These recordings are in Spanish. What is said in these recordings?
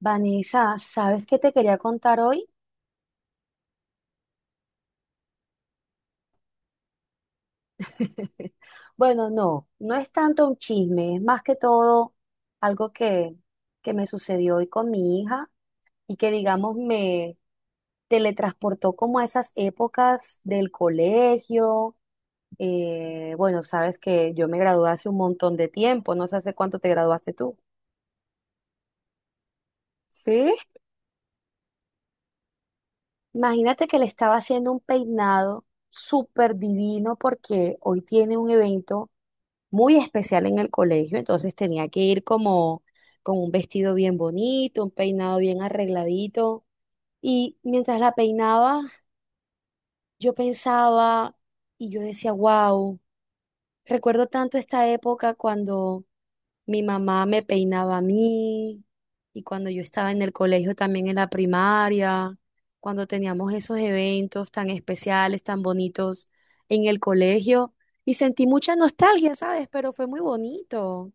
Vanessa, ¿sabes qué te quería contar hoy? Bueno, no, no es tanto un chisme, es más que todo algo que me sucedió hoy con mi hija y que, digamos, me teletransportó como a esas épocas del colegio. Bueno, sabes que yo me gradué hace un montón de tiempo, no sé hace cuánto te graduaste tú. ¿Sí? Imagínate que le estaba haciendo un peinado súper divino porque hoy tiene un evento muy especial en el colegio, entonces tenía que ir como con un vestido bien bonito, un peinado bien arregladito. Y mientras la peinaba, yo pensaba y yo decía, wow, recuerdo tanto esta época cuando mi mamá me peinaba a mí y cuando yo estaba en el colegio también en la primaria, cuando teníamos esos eventos tan especiales, tan bonitos en el colegio. Y sentí mucha nostalgia, ¿sabes? Pero fue muy bonito.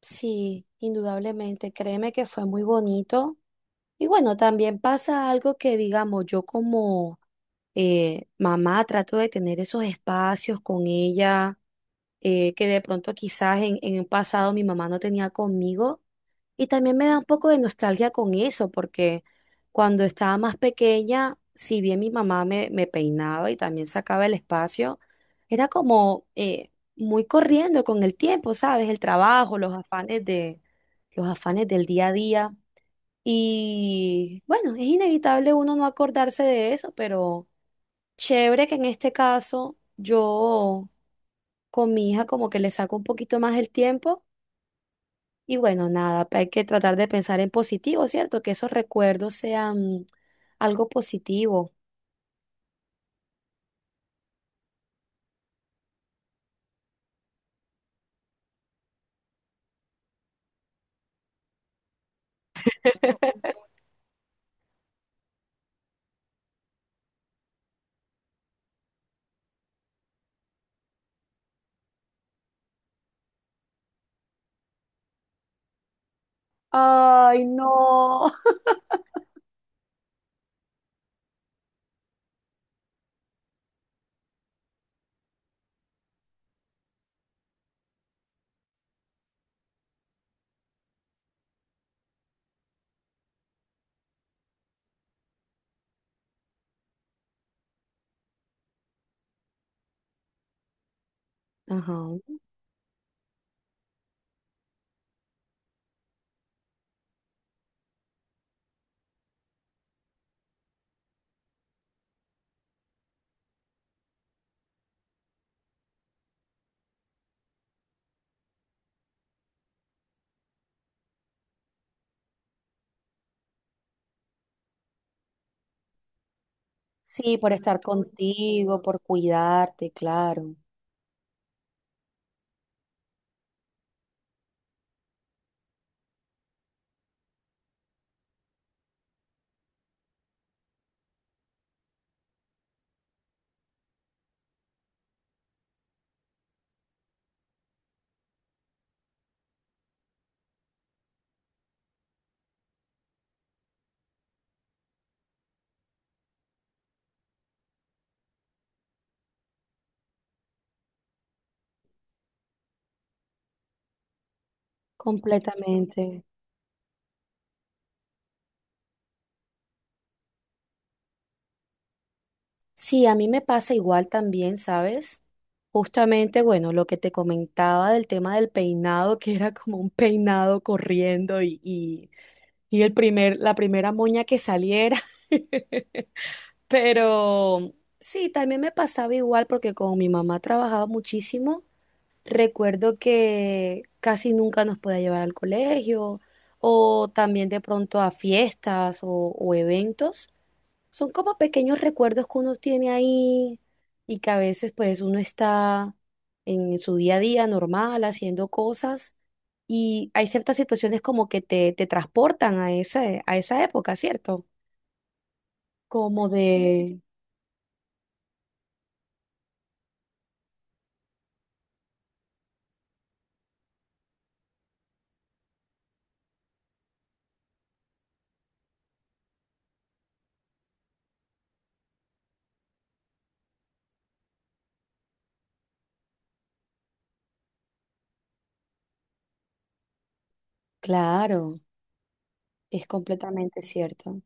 Sí, indudablemente. Créeme que fue muy bonito. Y bueno, también pasa algo que, digamos, yo como mamá trato de tener esos espacios con ella, que de pronto quizás en el pasado mi mamá no tenía conmigo. Y también me da un poco de nostalgia con eso, porque cuando estaba más pequeña, si bien mi mamá me peinaba y también sacaba el espacio, era como muy corriendo con el tiempo, ¿sabes? El trabajo, los afanes del día a día. Y bueno, es inevitable uno no acordarse de eso, pero chévere que en este caso yo con mi hija como que le saco un poquito más el tiempo. Y bueno, nada, hay que tratar de pensar en positivo, ¿cierto? Que esos recuerdos sean algo positivo. Ay, no. Ajá. Sí, por estar contigo, por cuidarte, claro. Completamente. Sí, a mí me pasa igual también, ¿sabes? Justamente, bueno, lo que te comentaba del tema del peinado, que era como un peinado corriendo y la primera moña que saliera. Pero sí, también me pasaba igual porque como mi mamá trabajaba muchísimo, recuerdo que casi nunca nos podía llevar al colegio o también de pronto a fiestas o eventos. Son como pequeños recuerdos que uno tiene ahí y que a veces pues uno está en su día a día normal haciendo cosas y hay ciertas situaciones como que te transportan a a esa época, ¿cierto? Como de... Claro, es completamente cierto.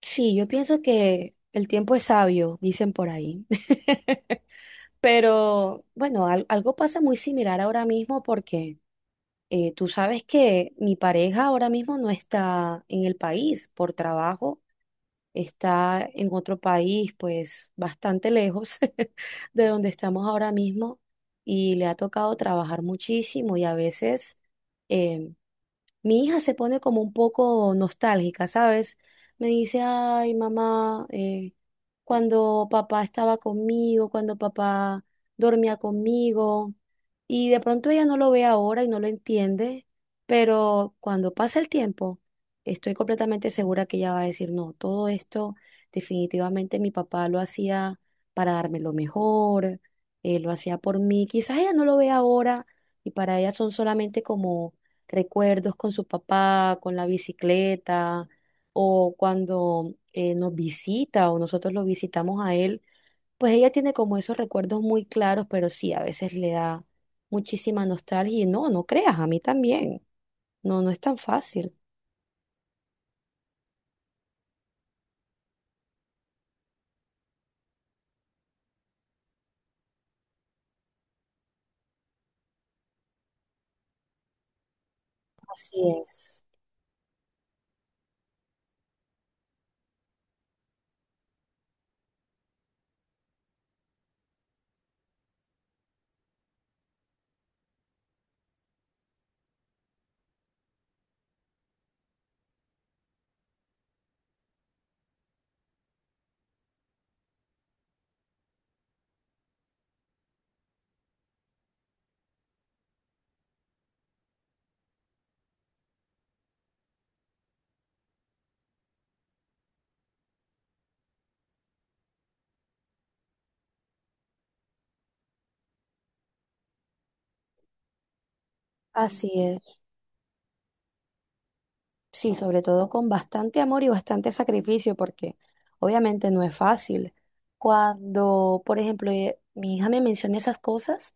Sí, yo pienso que el tiempo es sabio, dicen por ahí. Pero bueno, algo pasa muy similar ahora mismo porque... Tú sabes que mi pareja ahora mismo no está en el país por trabajo, está en otro país, pues bastante lejos de donde estamos ahora mismo y le ha tocado trabajar muchísimo y a veces, em, mi hija se pone como un poco nostálgica, ¿sabes? Me dice, ay, mamá, cuando papá estaba conmigo, cuando papá dormía conmigo, y de pronto ella no lo ve ahora y no lo entiende, pero cuando pasa el tiempo, estoy completamente segura que ella va a decir, no, todo esto definitivamente mi papá lo hacía para darme lo mejor, lo hacía por mí, quizás ella no lo ve ahora y para ella son solamente como recuerdos con su papá, con la bicicleta, o cuando nos visita o nosotros lo visitamos a él, pues ella tiene como esos recuerdos muy claros, pero sí, a veces le da muchísima nostalgia y no, no creas, a mí también. No, no es tan fácil. Así es, así es. Sí, sobre todo con bastante amor y bastante sacrificio, porque obviamente no es fácil. Cuando, por ejemplo, mi hija me menciona esas cosas,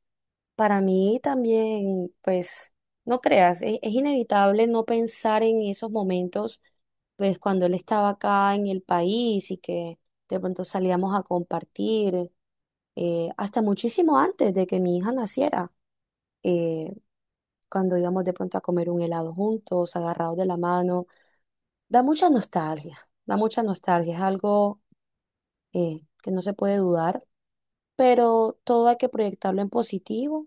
para mí también, pues, no creas, es, inevitable no pensar en esos momentos, pues, cuando él estaba acá en el país y que de pronto salíamos a compartir, hasta muchísimo antes de que mi hija naciera, eh, cuando íbamos de pronto a comer un helado juntos, agarrados de la mano. Da mucha nostalgia, es algo que no se puede dudar, pero todo hay que proyectarlo en positivo,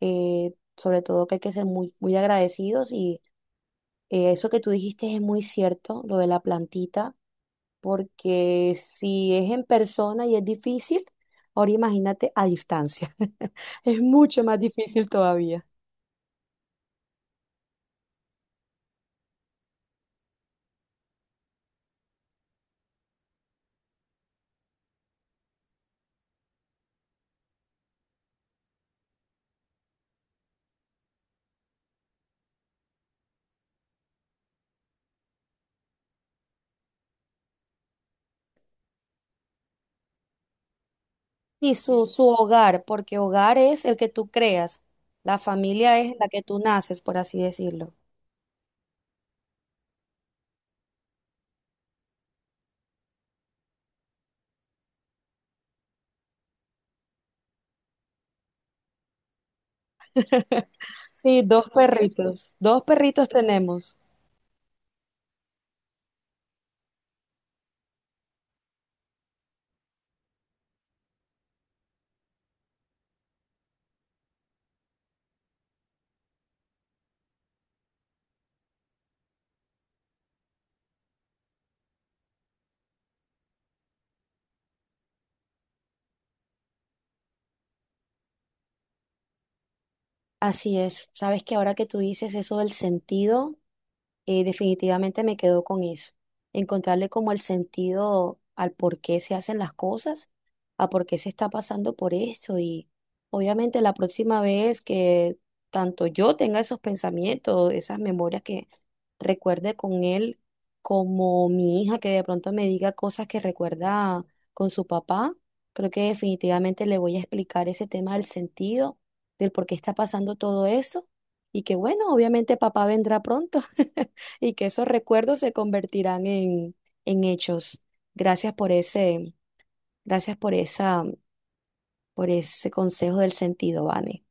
sobre todo que hay que ser muy, muy agradecidos y eso que tú dijiste es muy cierto, lo de la plantita, porque si es en persona y es difícil, ahora imagínate a distancia, es mucho más difícil todavía. Y su hogar, porque hogar es el que tú creas, la familia es la que tú naces, por así decirlo. Sí, dos perritos. Dos perritos tenemos. Así es. Sabes que ahora que tú dices eso del sentido. Definitivamente me quedo con eso, encontrarle como el sentido al por qué se hacen las cosas, a por qué se está pasando por eso y obviamente la próxima vez que tanto yo tenga esos pensamientos, esas memorias que recuerde con él, como mi hija que de pronto me diga cosas que recuerda con su papá, creo que definitivamente le voy a explicar ese tema del sentido, del por qué está pasando todo eso y que bueno, obviamente papá vendrá pronto. Y que esos recuerdos se convertirán en hechos. Gracias por ese, gracias por esa, por ese consejo del sentido, Vane.